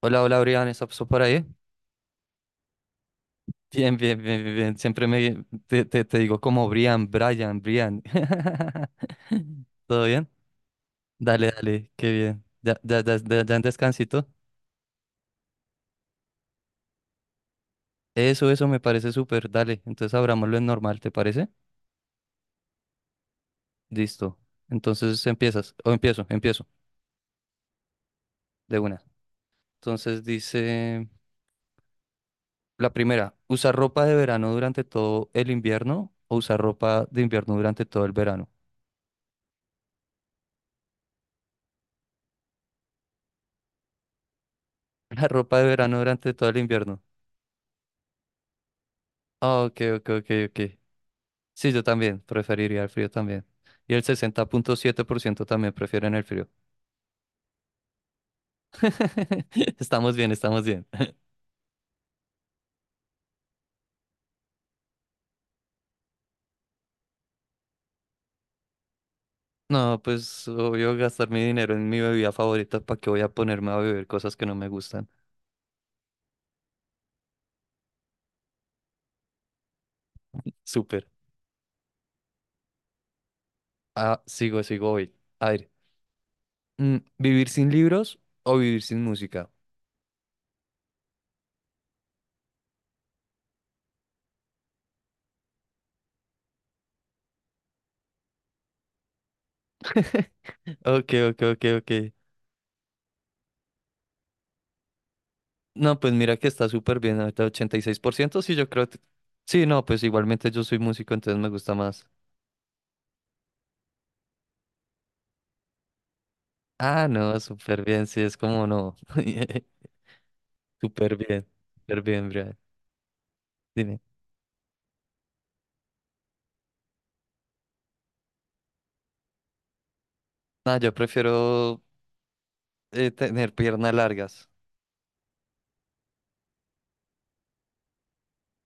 Hola, hola, Brian, ¿estás por ahí? Bien, bien, bien, bien, bien. Siempre te digo como Brian, Brian, Brian. ¿Todo bien? Dale, dale, qué bien. Ya, ya, ya, ya, ya en descansito. Eso me parece súper. Dale, entonces abrámoslo en normal, ¿te parece? Listo. Entonces empiezas, o empiezo, de una. Entonces dice la primera, ¿usar ropa de verano durante todo el invierno o usar ropa de invierno durante todo el verano? La ropa de verano durante todo el invierno. Ah, ok, ok, ok, ok. Sí, yo también preferiría el frío también. Y el 60.7% también prefieren el frío. Estamos bien, estamos bien. No, pues obvio gastar mi dinero en mi bebida favorita, ¿para qué voy a ponerme a beber cosas que no me gustan? Súper. Ah, sigo hoy. A ver, ¿vivir sin libros o vivir sin música? Ok, ok, ok, ok. No, pues mira que está súper bien, ahorita 86%. Sí, yo creo. Que- Sí, no, pues igualmente yo soy músico, entonces me gusta más. Ah, no, súper bien, sí, es como no. Súper bien, súper bien, Brian. Dime. No, yo prefiero tener piernas largas.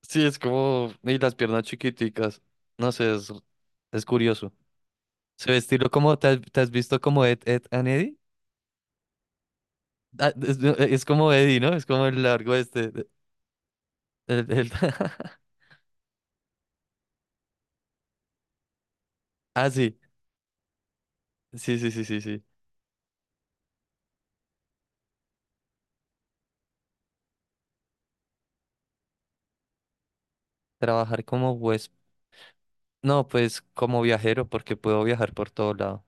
Sí, es como. Y las piernas chiquiticas. No sé, es curioso. Se ve estilo como. ¿Te has visto como Ed, Ed and Eddie? Ah, no, es como Eddie, ¿no? Es como el largo este. el- el- Ah, sí. Sí, sí, sí, sí, sí. Trabajar como huésped. No, pues como viajero, porque puedo viajar por todo lado.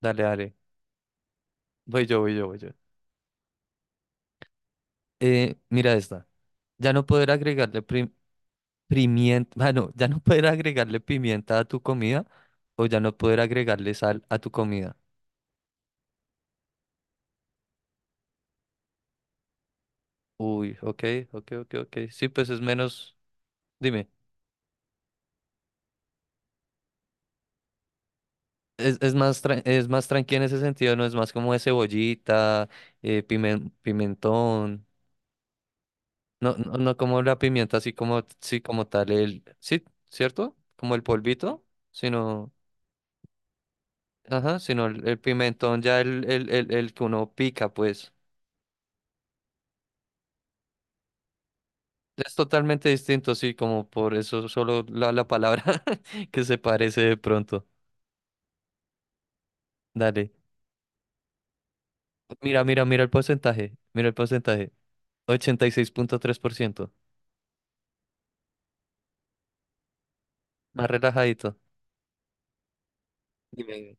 Dale, dale. Voy yo, voy yo, voy yo. Mira esta. Ya no poder agregarle pimienta, bueno, ya no poder agregarle pimienta a tu comida o ya no poder agregarle sal a tu comida. Uy, ok, ok, ok, ok. Sí, pues es menos, dime, es más, es más tranquila en ese sentido, no es más como de cebollita, pimentón, no, no, no como la pimienta así como, sí, como tal, el, sí, ¿cierto? Como el polvito, sino, ajá, sino el pimentón ya el que uno pica, pues. Es totalmente distinto, sí, como por eso solo la palabra que se parece de pronto. Dale. Mira, mira, mira el porcentaje. Mira el porcentaje. 86.3%. Más relajadito. Dime.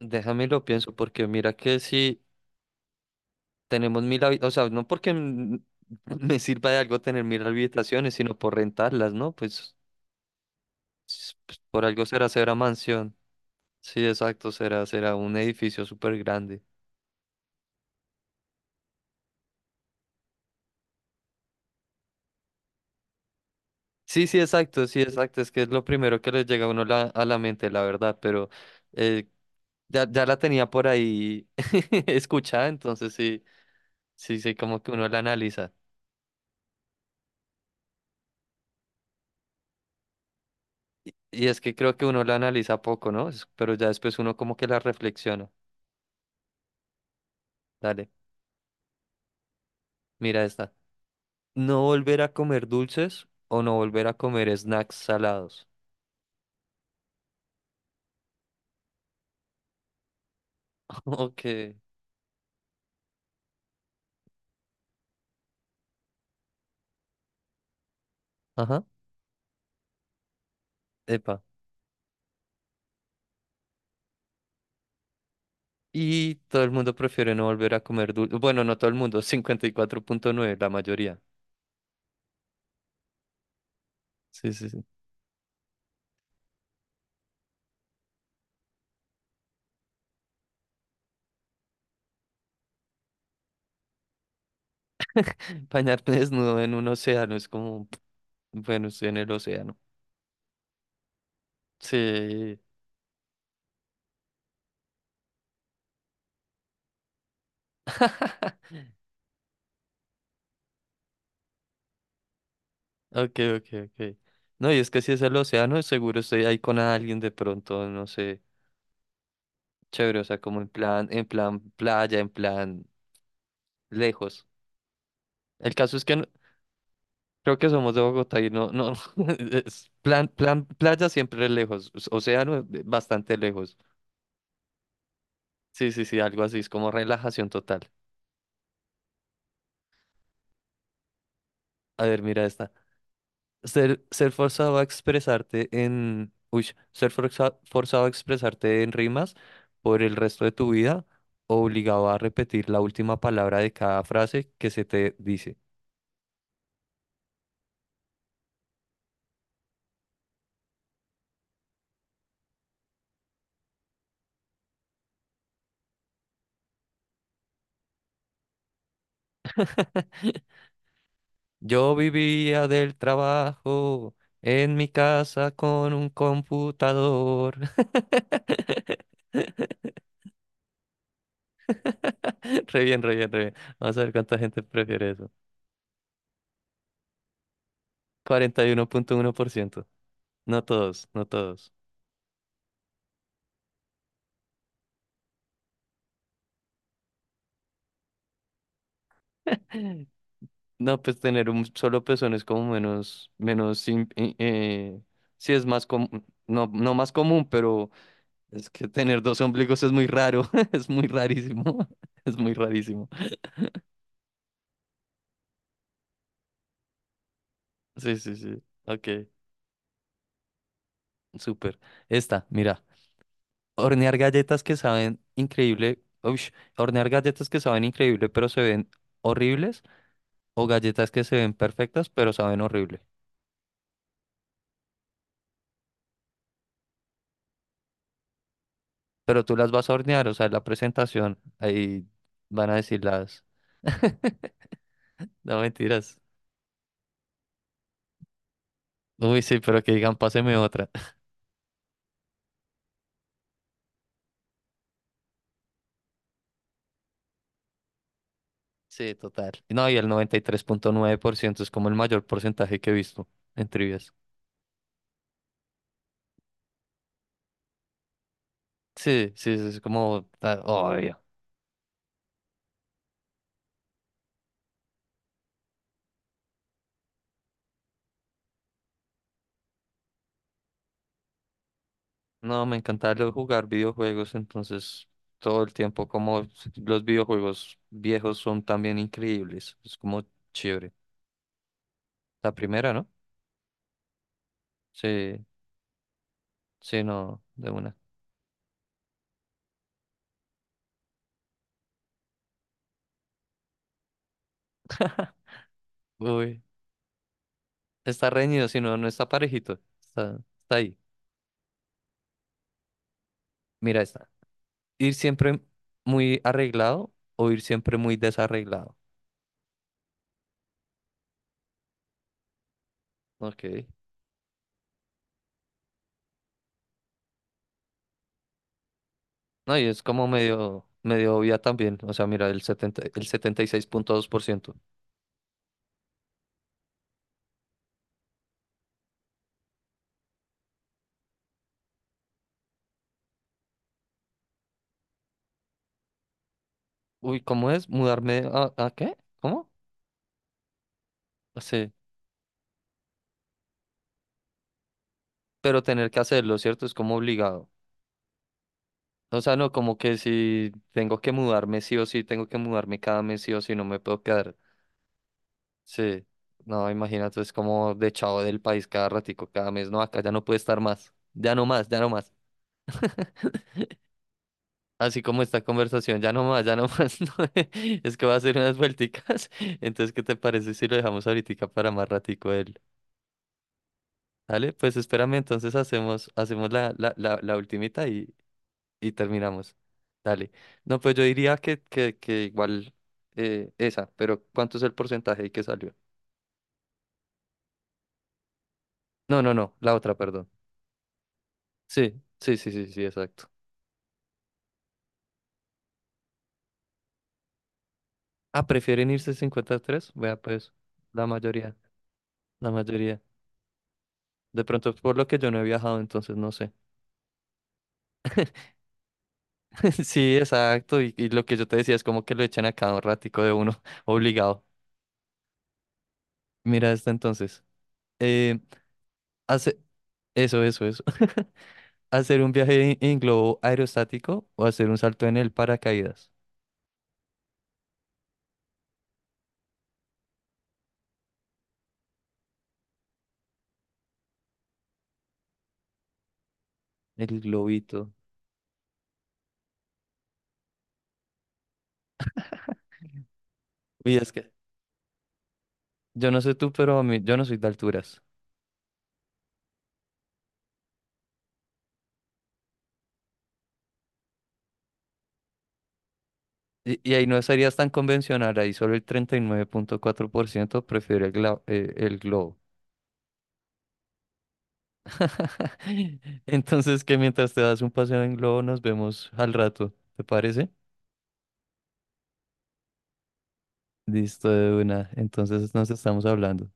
Déjame lo pienso porque mira que si tenemos mil habitaciones, o sea, no porque me sirva de algo tener mil habitaciones, sino por rentarlas, ¿no? Pues, pues, por algo será mansión. Sí, exacto, será un edificio súper grande. Sí, sí, exacto, sí, exacto. Es que es lo primero que les llega a uno a la mente, la verdad, pero eh, ya la tenía por ahí escuchada, entonces sí, sí, sí, como que uno la analiza. Y es que creo que uno la analiza poco, ¿no? Pero ya después uno como que la reflexiona. Dale, mira esta. No volver a comer dulces o no volver a comer snacks salados. Ok, ajá, epa. Y todo el mundo prefiere no volver a comer dulces. Bueno, no todo el mundo, 54.9, la mayoría. Sí, sí, sí. Bañarte desnudo en un océano es como, bueno, estoy en el océano. Sí. Ok, ok, ok. No, y es que si es el océano, seguro estoy ahí con alguien de pronto, no sé. Chévere, o sea, como en plan playa, en plan lejos. El caso es que creo que somos de Bogotá y no, no, es plan, plan, playa siempre lejos, océano bastante lejos. Sí, sí, sí, algo así, es como relajación total. A ver, mira esta. Ser forzado a expresarte en... Uy, ser forzado a expresarte en rimas por el resto de tu vida, obligado a repetir la última palabra de cada frase que se te dice. Yo vivía del trabajo en mi casa con un computador. Re bien, re bien, re bien. Vamos a ver cuánta gente prefiere eso. Cuarenta y uno punto uno por ciento. No todos, no todos. No, pues tener un solo pezón es como menos, menos, sí es más común, no, no más común, pero es que tener dos ombligos es muy raro, es muy rarísimo, es muy rarísimo. Sí, sí, sí, ok, súper. Esta, mira, hornear galletas que saben increíble, uy, hornear galletas que saben increíble pero se ven horribles o galletas que se ven perfectas pero saben horrible. Pero tú las vas a hornear, o sea, en la presentación, ahí van a decir las, no mentiras. Uy, sí, pero que digan, páseme otra. Sí, total. No, y el 93.9% es como el mayor porcentaje que he visto en trivias. Sí, sí, sí, es como ah, obvio. No, me encanta jugar videojuegos, entonces todo el tiempo como los videojuegos viejos son también increíbles. Es como chévere. La primera, ¿no? Sí, sí, no, de una. Uy, está reñido, si no, no está parejito. Está ahí. Mira esta. Ir siempre muy arreglado o ir siempre muy desarreglado. Ok. No, y es como medio, medio obvia también. O sea, mira, el 76.2%. Uy, ¿cómo es? ¿Mudarme a qué? ¿Cómo? Ah, sí. Pero tener que hacerlo, ¿cierto? Es como obligado. O sea, no, como que si tengo que mudarme sí o sí, tengo que mudarme cada mes sí o sí, no me puedo quedar. Sí. No, imagínate, es como de chavo del país cada ratico, cada mes. No, acá ya no puede estar más. Ya no más, ya no más. Así como esta conversación, ya no más, no, es que va a hacer unas vuelticas. Entonces, ¿qué te parece si lo dejamos ahorita para más ratico él? ¿Vale? Pues espérame, entonces hacemos la ultimita y terminamos. Dale. No, pues yo diría que igual esa, pero ¿cuánto es el porcentaje y qué salió? No, no, no, la otra, perdón. Sí, sí, sí, sí, sí, exacto. Ah, ¿prefieren irse 53? Vea, pues, la mayoría, la mayoría. De pronto, por lo que yo no he viajado, entonces no sé. Sí, exacto. Y lo que yo te decía es como que lo echan a cada ratico de uno, obligado. Mira esta entonces. Eh, Hace... Eso, eso, eso. ¿Hacer un viaje en globo aerostático o hacer un salto en el paracaídas? El globito. Uy, es que yo no sé tú, pero a mí, yo no soy de alturas. Y ahí no serías tan convencional, ahí solo el 39.4% prefiere el globo. Entonces, que mientras te das un paseo en globo, nos vemos al rato, ¿te parece? Listo de una. Entonces nos estamos hablando.